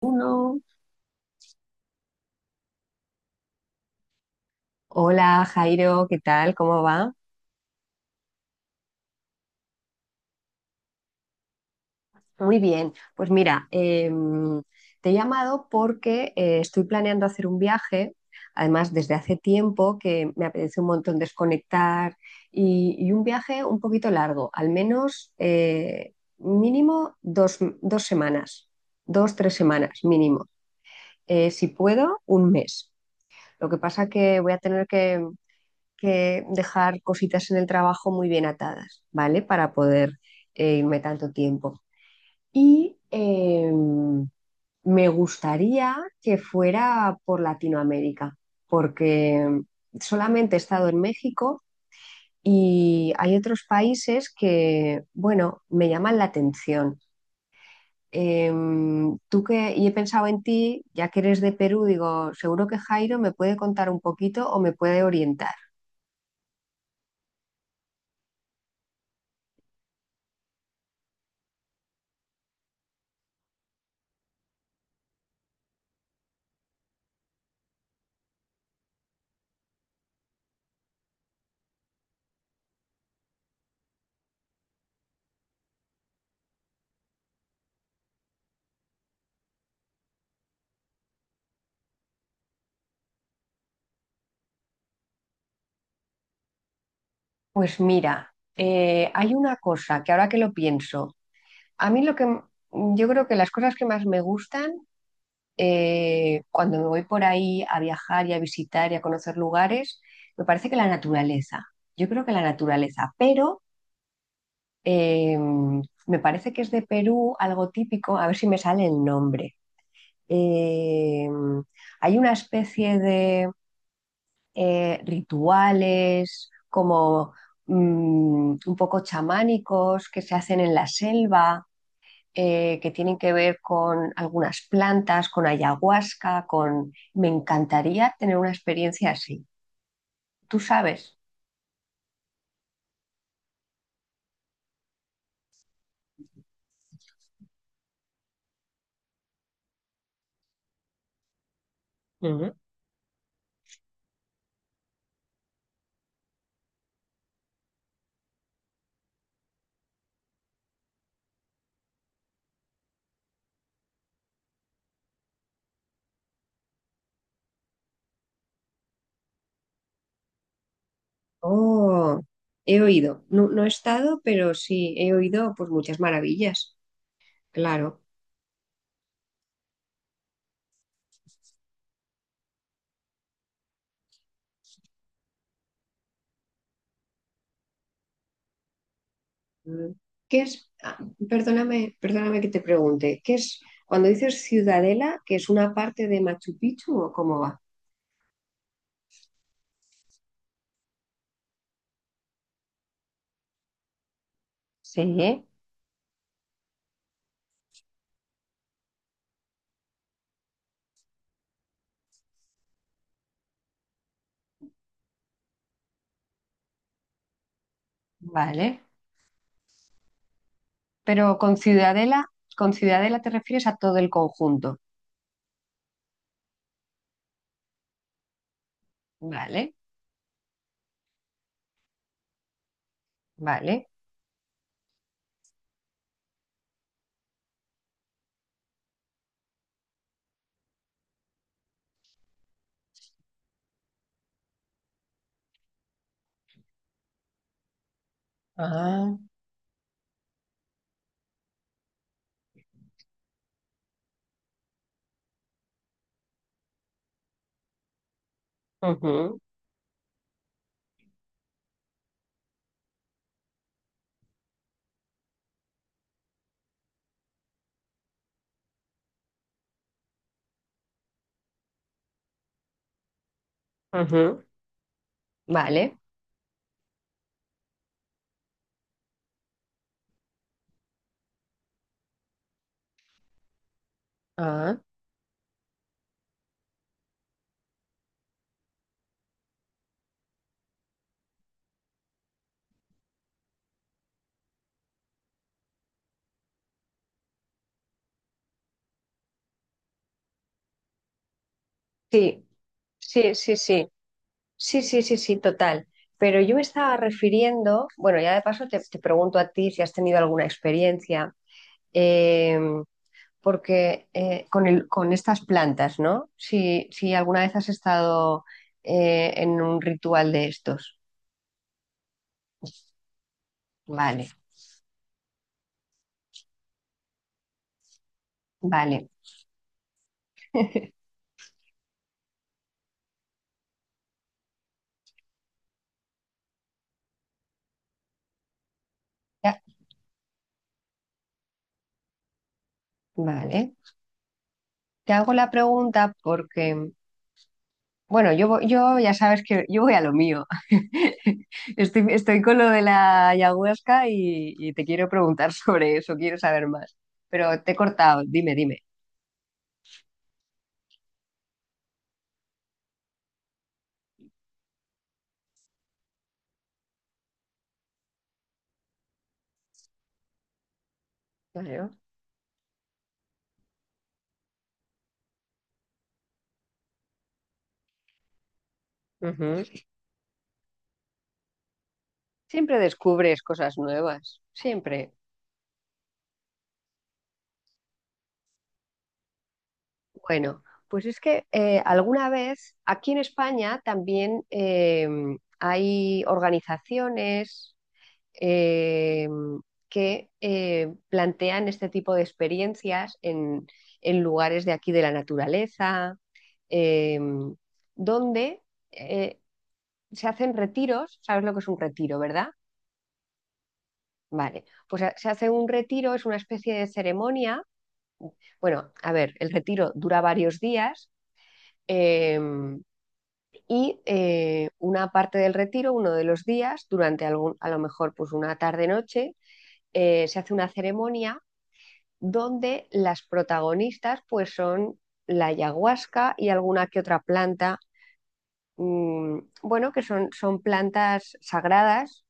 Uno. Hola Jairo, ¿qué tal? ¿Cómo va? Muy bien, pues mira, te he llamado porque estoy planeando hacer un viaje, además desde hace tiempo que me apetece un montón desconectar y, un viaje un poquito largo, al menos mínimo dos semanas, dos, tres semanas mínimo. Si puedo, un mes. Lo que pasa que voy a tener que dejar cositas en el trabajo muy bien atadas, ¿vale? Para poder irme tanto tiempo. Y me gustaría que fuera por Latinoamérica, porque solamente he estado en México y hay otros países que, bueno, me llaman la atención. Tú que, y he pensado en ti, ya que eres de Perú, digo, seguro que Jairo me puede contar un poquito o me puede orientar. Pues mira, hay una cosa que ahora que lo pienso, a mí yo creo que las cosas que más me gustan cuando me voy por ahí a viajar y a visitar y a conocer lugares, me parece que la naturaleza, yo creo que la naturaleza, pero eh, me parece que es de Perú algo típico, a ver si me sale el nombre. Eh, Hay una especie de rituales como un poco chamánicos que se hacen en la selva, que tienen que ver con algunas plantas, con ayahuasca, con... Me encantaría tener una experiencia así. ¿Tú sabes? Ujú. Oh, he oído. No, no he estado, pero sí, he oído pues muchas maravillas. Claro. Mm. ¿Qué es? Ah, perdóname, perdóname que te pregunte. ¿Qué es cuando dices Ciudadela, que es una parte de Machu Picchu o cómo va? Sí, vale. Pero con Ciudadela te refieres a todo el conjunto. Vale. Vale. Ah, ujú, ujú, vale. Ah, sí, sí, sí, sí, sí, sí, sí, sí, total. Pero yo me estaba refiriendo, bueno, ya de paso te, te pregunto a ti si has tenido alguna experiencia, eh, porque con el, con estas plantas, ¿no? Si, si alguna vez has estado en un ritual de estos. Vale, vale, ya, vale. Te hago la pregunta porque bueno, yo, yo ya sabes que yo voy a lo mío. Estoy, estoy con lo de la ayahuasca y te quiero preguntar sobre eso, quiero saber más. Pero te he cortado, dime, dime. Claro. Ujú. Siempre descubres cosas nuevas, siempre. Bueno, pues es que alguna vez aquí en España también hay organizaciones eh, que plantean este tipo de experiencias en lugares de aquí de la naturaleza, eh, donde eh, se hacen retiros, ¿sabes lo que es un retiro, verdad? Vale, pues se hace un retiro, es una especie de ceremonia. Bueno, a ver, el retiro dura varios días, eh, y una parte del retiro, uno de los días, durante algún, a lo mejor pues una tarde-noche, se hace una ceremonia donde las protagonistas pues son la ayahuasca y alguna que otra planta, bueno, que son, son plantas sagradas.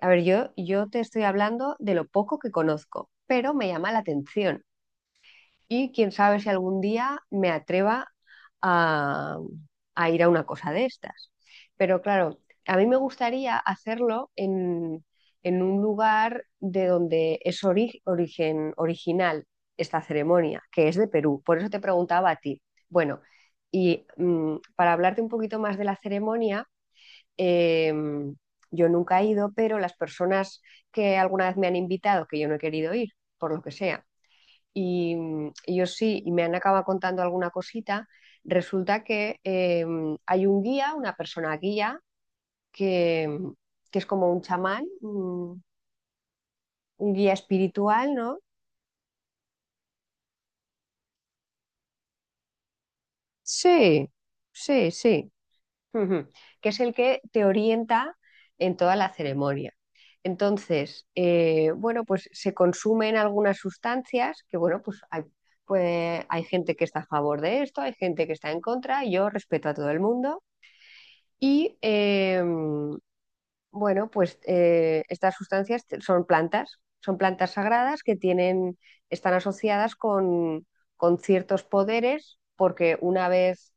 A ver, yo te estoy hablando de lo poco que conozco, pero me llama la atención. Y quién sabe si algún día me atreva a, a ir a una cosa de estas. Pero claro, a mí me gustaría hacerlo en un lugar de donde es origen, original esta ceremonia, que es de Perú. Por eso te preguntaba a ti. Bueno, y para hablarte un poquito más de la ceremonia, em, yo nunca he ido, pero las personas que alguna vez me han invitado, que yo no he querido ir, por lo que sea, y, y yo sí, y me han acabado contando alguna cosita. Resulta que hay un guía, una persona guía, que, que es como un chamán, un guía espiritual, ¿no? Sí, sí, sí. Ujú. Que es el que te orienta en toda la ceremonia. Entonces, bueno, pues se consumen algunas sustancias que, bueno, pues hay gente que está a favor de esto, hay gente que está en contra, y yo respeto a todo el mundo. Y bueno, pues estas sustancias son plantas sagradas que tienen, están asociadas con ciertos poderes, porque una vez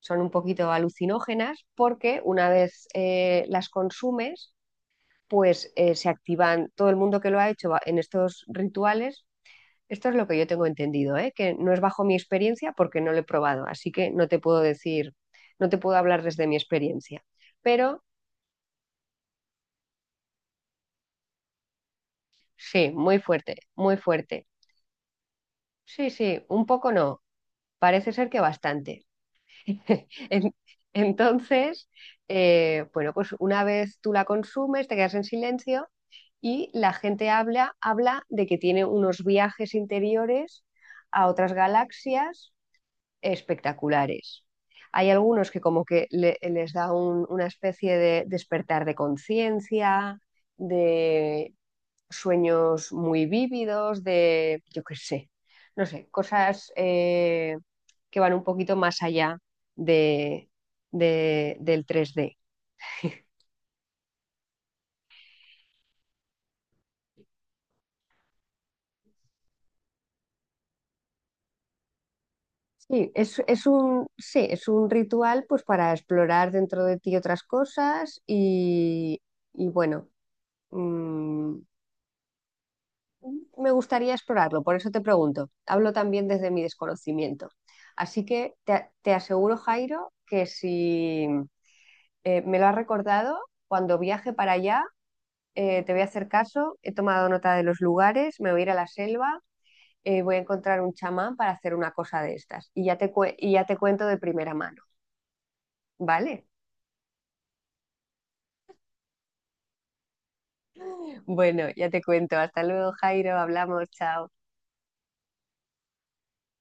son un poquito alucinógenas, porque una vez las consumes, pues se activan, todo el mundo que lo ha hecho en estos rituales, esto es lo que yo tengo entendido, ¿eh? Que no es bajo mi experiencia porque no lo he probado, así que no te puedo decir, no te puedo hablar desde mi experiencia. Pero sí, muy fuerte, muy fuerte. Sí, sí, un poco no, parece ser que bastante. En- Entonces, bueno, pues una vez tú la consumes, te quedas en silencio y la gente habla, habla de que tiene unos viajes interiores a otras galaxias espectaculares. Hay algunos que como que les da una especie de despertar de conciencia, de sueños muy vívidos, de, yo qué sé, no sé, cosas que van un poquito más allá de, del 3D. Sí, es un, sí, es un ritual pues para explorar dentro de ti otras cosas y bueno, mm, me gustaría explorarlo, por eso te pregunto. Hablo también desde mi desconocimiento. Así que te aseguro, Jairo, que si, me lo has recordado, cuando viaje para allá te voy a hacer caso, he tomado nota de los lugares, me voy a ir a la selva, voy a encontrar un chamán para hacer una cosa de estas y ya te, y ya te cuento de primera mano, ¿vale? Bueno, ya te cuento, hasta luego Jairo, hablamos, chao.